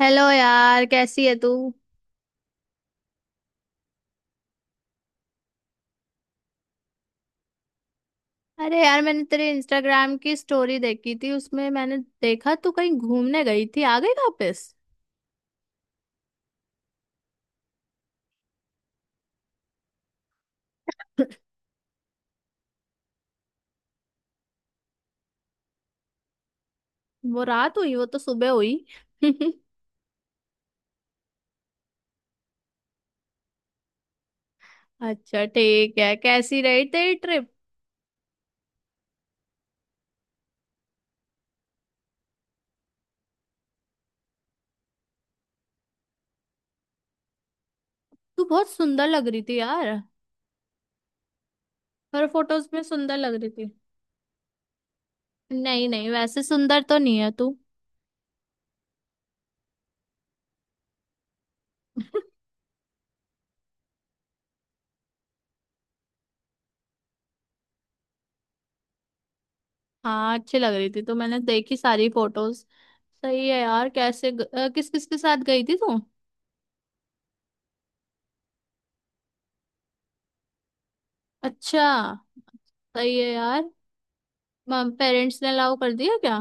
Hello यार, कैसी है तू? अरे यार, मैंने तेरे इंस्टाग्राम की स्टोरी देखी थी, उसमें मैंने देखा तू कहीं घूमने गई थी, आ गई वापस? वो रात हुई? वो तो सुबह हुई। अच्छा ठीक है, कैसी रही तेरी ट्रिप? तू बहुत सुंदर लग रही थी यार। हर फोटोज में सुंदर लग रही थी। नहीं नहीं, वैसे सुंदर तो नहीं है तू। हाँ अच्छी लग रही थी तो मैंने देखी सारी फोटोज। सही है यार। किस किस के साथ गई थी तू? अच्छा। सही है यार। पेरेंट्स ने अलाउ कर दिया क्या?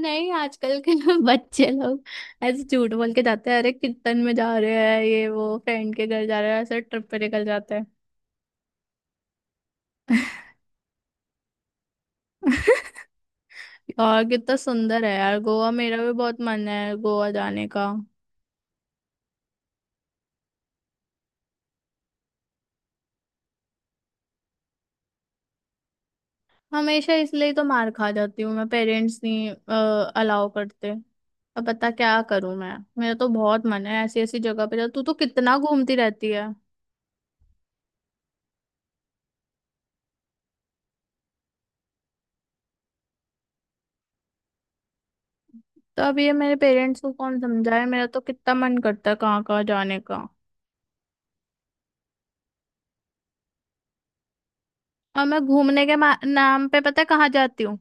नहीं, आजकल के बच्चे लोग ऐसे झूठ बोल के जाते हैं। अरे, कीर्तन में जा रहे हैं, ये वो फ्रेंड के घर जा रहे हैं, ऐसे ट्रिप पे निकल जाते हैं। और कितना सुंदर है यार गोवा, मेरा भी बहुत मन है गोवा जाने का। हमेशा इसलिए तो मार खा जाती हूँ मैं, पेरेंट्स नहीं अलाउ करते। अब बता क्या करूँ मैं, मेरा तो बहुत मन है ऐसी ऐसी जगह पे जा, तू तो कितना घूमती रहती है। तो अब ये मेरे पेरेंट्स को कौन समझाए, मेरा तो कितना मन करता है कहाँ कहाँ जाने का। और मैं घूमने के नाम पे पता है कहाँ जाती हूँ?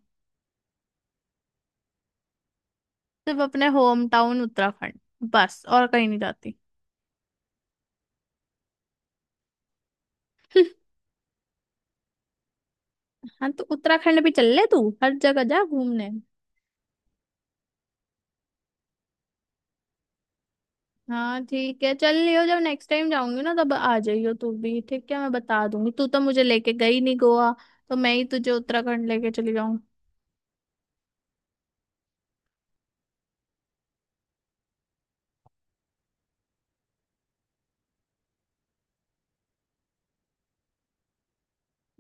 सिर्फ अपने होम टाउन उत्तराखंड। बस और कहीं नहीं जाती। हाँ तो उत्तराखंड भी चल ले, तू हर जगह जा घूमने। हाँ ठीक है, चल लियो, जब नेक्स्ट टाइम जाऊंगी ना तब आ जाइयो तू भी, ठीक है, मैं बता दूंगी। तू तो मुझे लेके गई नहीं गोवा, तो मैं ही तुझे उत्तराखंड लेके चली जाऊं।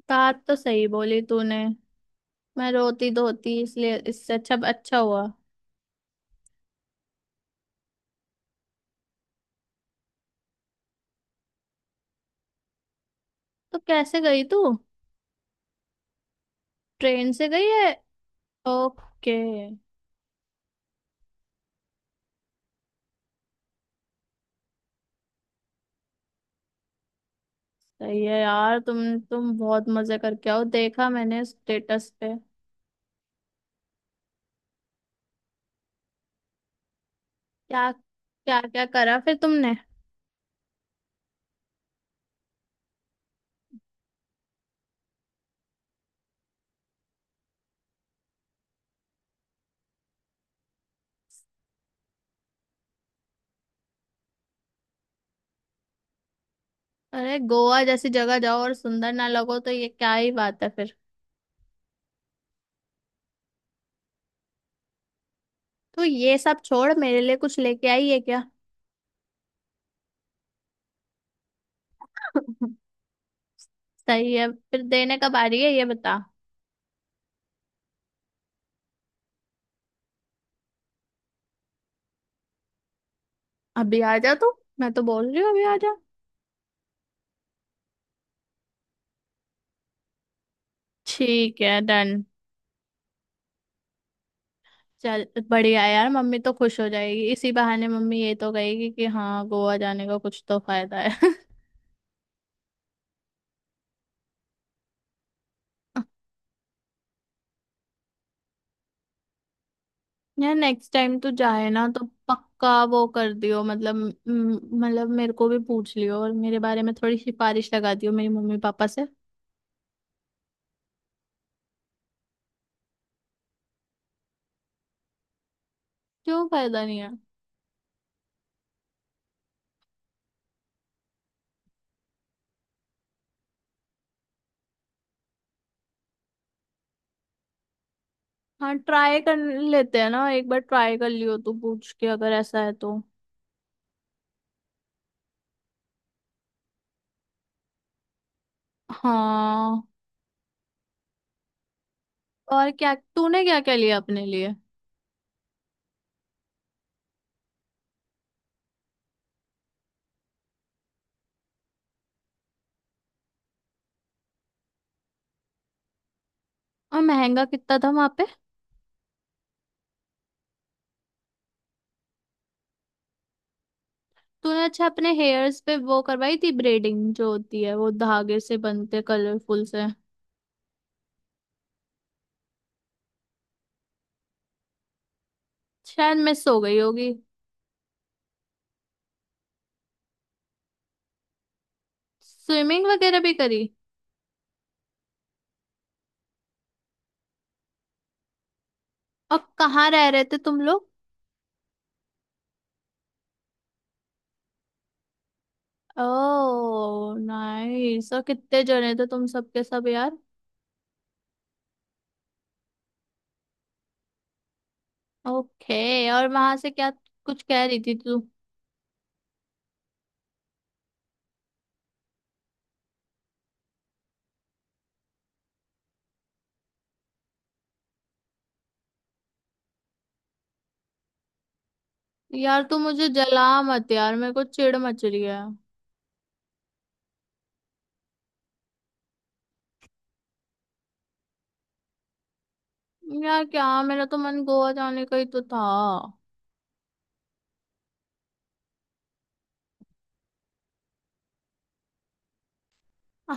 बात तो सही बोली तूने। मैं रोती धोती इसलिए, इससे अच्छा अच्छा हुआ। तो कैसे गई तू? ट्रेन से गई है? ओके। सही है यार, तुम बहुत मजे करके आओ, देखा मैंने स्टेटस पे। क्या क्या क्या करा फिर तुमने? अरे गोवा जैसी जगह जाओ और सुंदर ना लगो तो ये क्या ही बात है फिर। तू ये सब छोड़, मेरे लिए कुछ लेके आई है क्या? सही है, फिर देने कब आ रही है, ये बता। अभी आ जा तू, मैं तो बोल रही हूँ अभी आ जा। ठीक है, डन। चल। बढ़िया है यार, मम्मी तो खुश हो जाएगी, इसी बहाने मम्मी ये तो कहेगी कि हाँ गोवा जाने का कुछ तो फायदा है। यार नेक्स्ट टाइम तो जाए ना तो पक्का वो कर दियो, मतलब मतलब मेरे को भी पूछ लियो और मेरे बारे में थोड़ी सिफारिश लगा दियो मेरी मम्मी पापा से। क्यों फायदा नहीं है? हाँ ट्राई कर लेते हैं ना, एक बार ट्राई कर लियो तू, पूछ के अगर ऐसा है तो। हाँ। और क्या तूने क्या क्या लिया अपने लिए? और महंगा कितना था वहां पे? तूने अच्छा अपने हेयर्स पे वो करवाई थी ब्रेडिंग जो होती है वो, धागे से बनते कलरफुल से? शायद मिस हो गई होगी। स्विमिंग वगैरह भी करी? और कहाँ रह रहे थे तुम लोग? ओह नाइस, और कितने जने थे तुम, सबके सब यार? ओके, और वहां से क्या कुछ कह रही थी तू? यार तू मुझे जला मत यार, मेरे को चिढ़ मच रही है। यार क्या, मेरा तो मन गोवा जाने का ही तो था।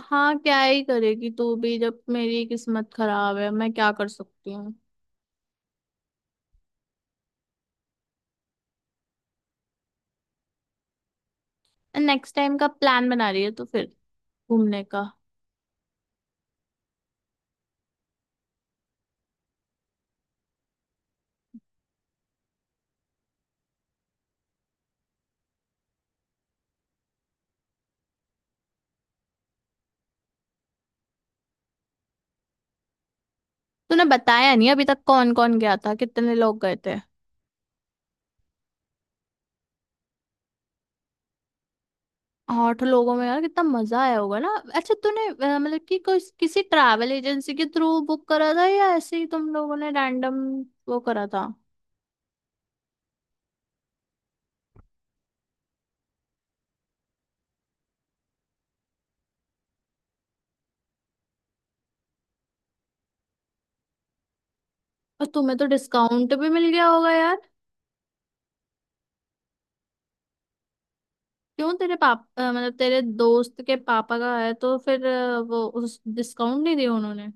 हाँ क्या ही करेगी तू भी, जब मेरी किस्मत खराब है मैं क्या कर सकती हूँ। नेक्स्ट टाइम का प्लान बना रही है तो फिर, घूमने का? तूने बताया नहीं अभी तक कौन कौन गया था, कितने लोग गए थे? आठ लोगों में यार कितना मजा आया होगा ना। अच्छा तूने मतलब कि कोई किसी ट्रैवल एजेंसी के थ्रू बुक करा था, या ऐसे ही तुम लोगों ने रैंडम वो करा था? और तुम्हें तो डिस्काउंट भी मिल गया होगा यार। क्यों, मतलब तेरे दोस्त के पापा का है तो फिर वो उस डिस्काउंट नहीं दिया उन्होंने?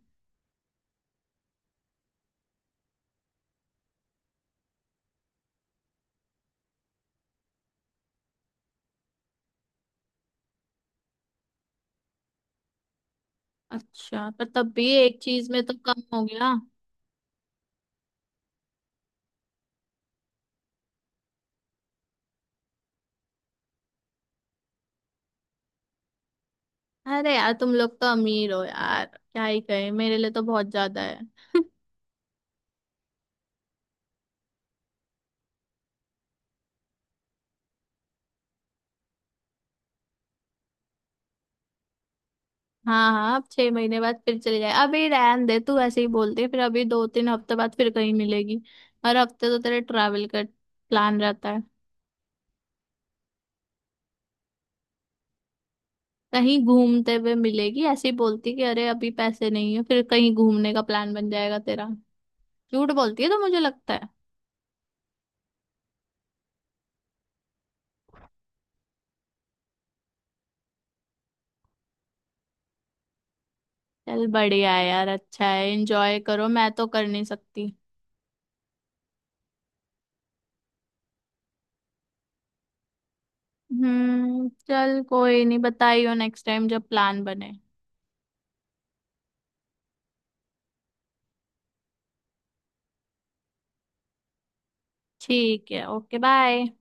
अच्छा पर तब भी एक चीज में तो कम हो गया। अरे यार तुम लोग तो अमीर हो यार, क्या ही कहे, मेरे लिए तो बहुत ज्यादा है। हाँ हाँ, अब 6 महीने बाद फिर चले जाए, अभी रहन दे तू ऐसे ही बोलते है फिर अभी 2-3 हफ्ते बाद फिर कहीं मिलेगी। हर हफ्ते तो तेरे ट्रैवल का प्लान रहता है। कहीं घूमते हुए मिलेगी, ऐसे ही बोलती कि अरे अभी पैसे नहीं है, फिर कहीं घूमने का प्लान बन जाएगा तेरा। झूठ बोलती है तो, मुझे लगता है। चल बढ़िया है यार, अच्छा है, एंजॉय करो, मैं तो कर नहीं सकती। हम्म, चल कोई नहीं, बताइयो नेक्स्ट टाइम जब प्लान बने। ठीक है, ओके बाय।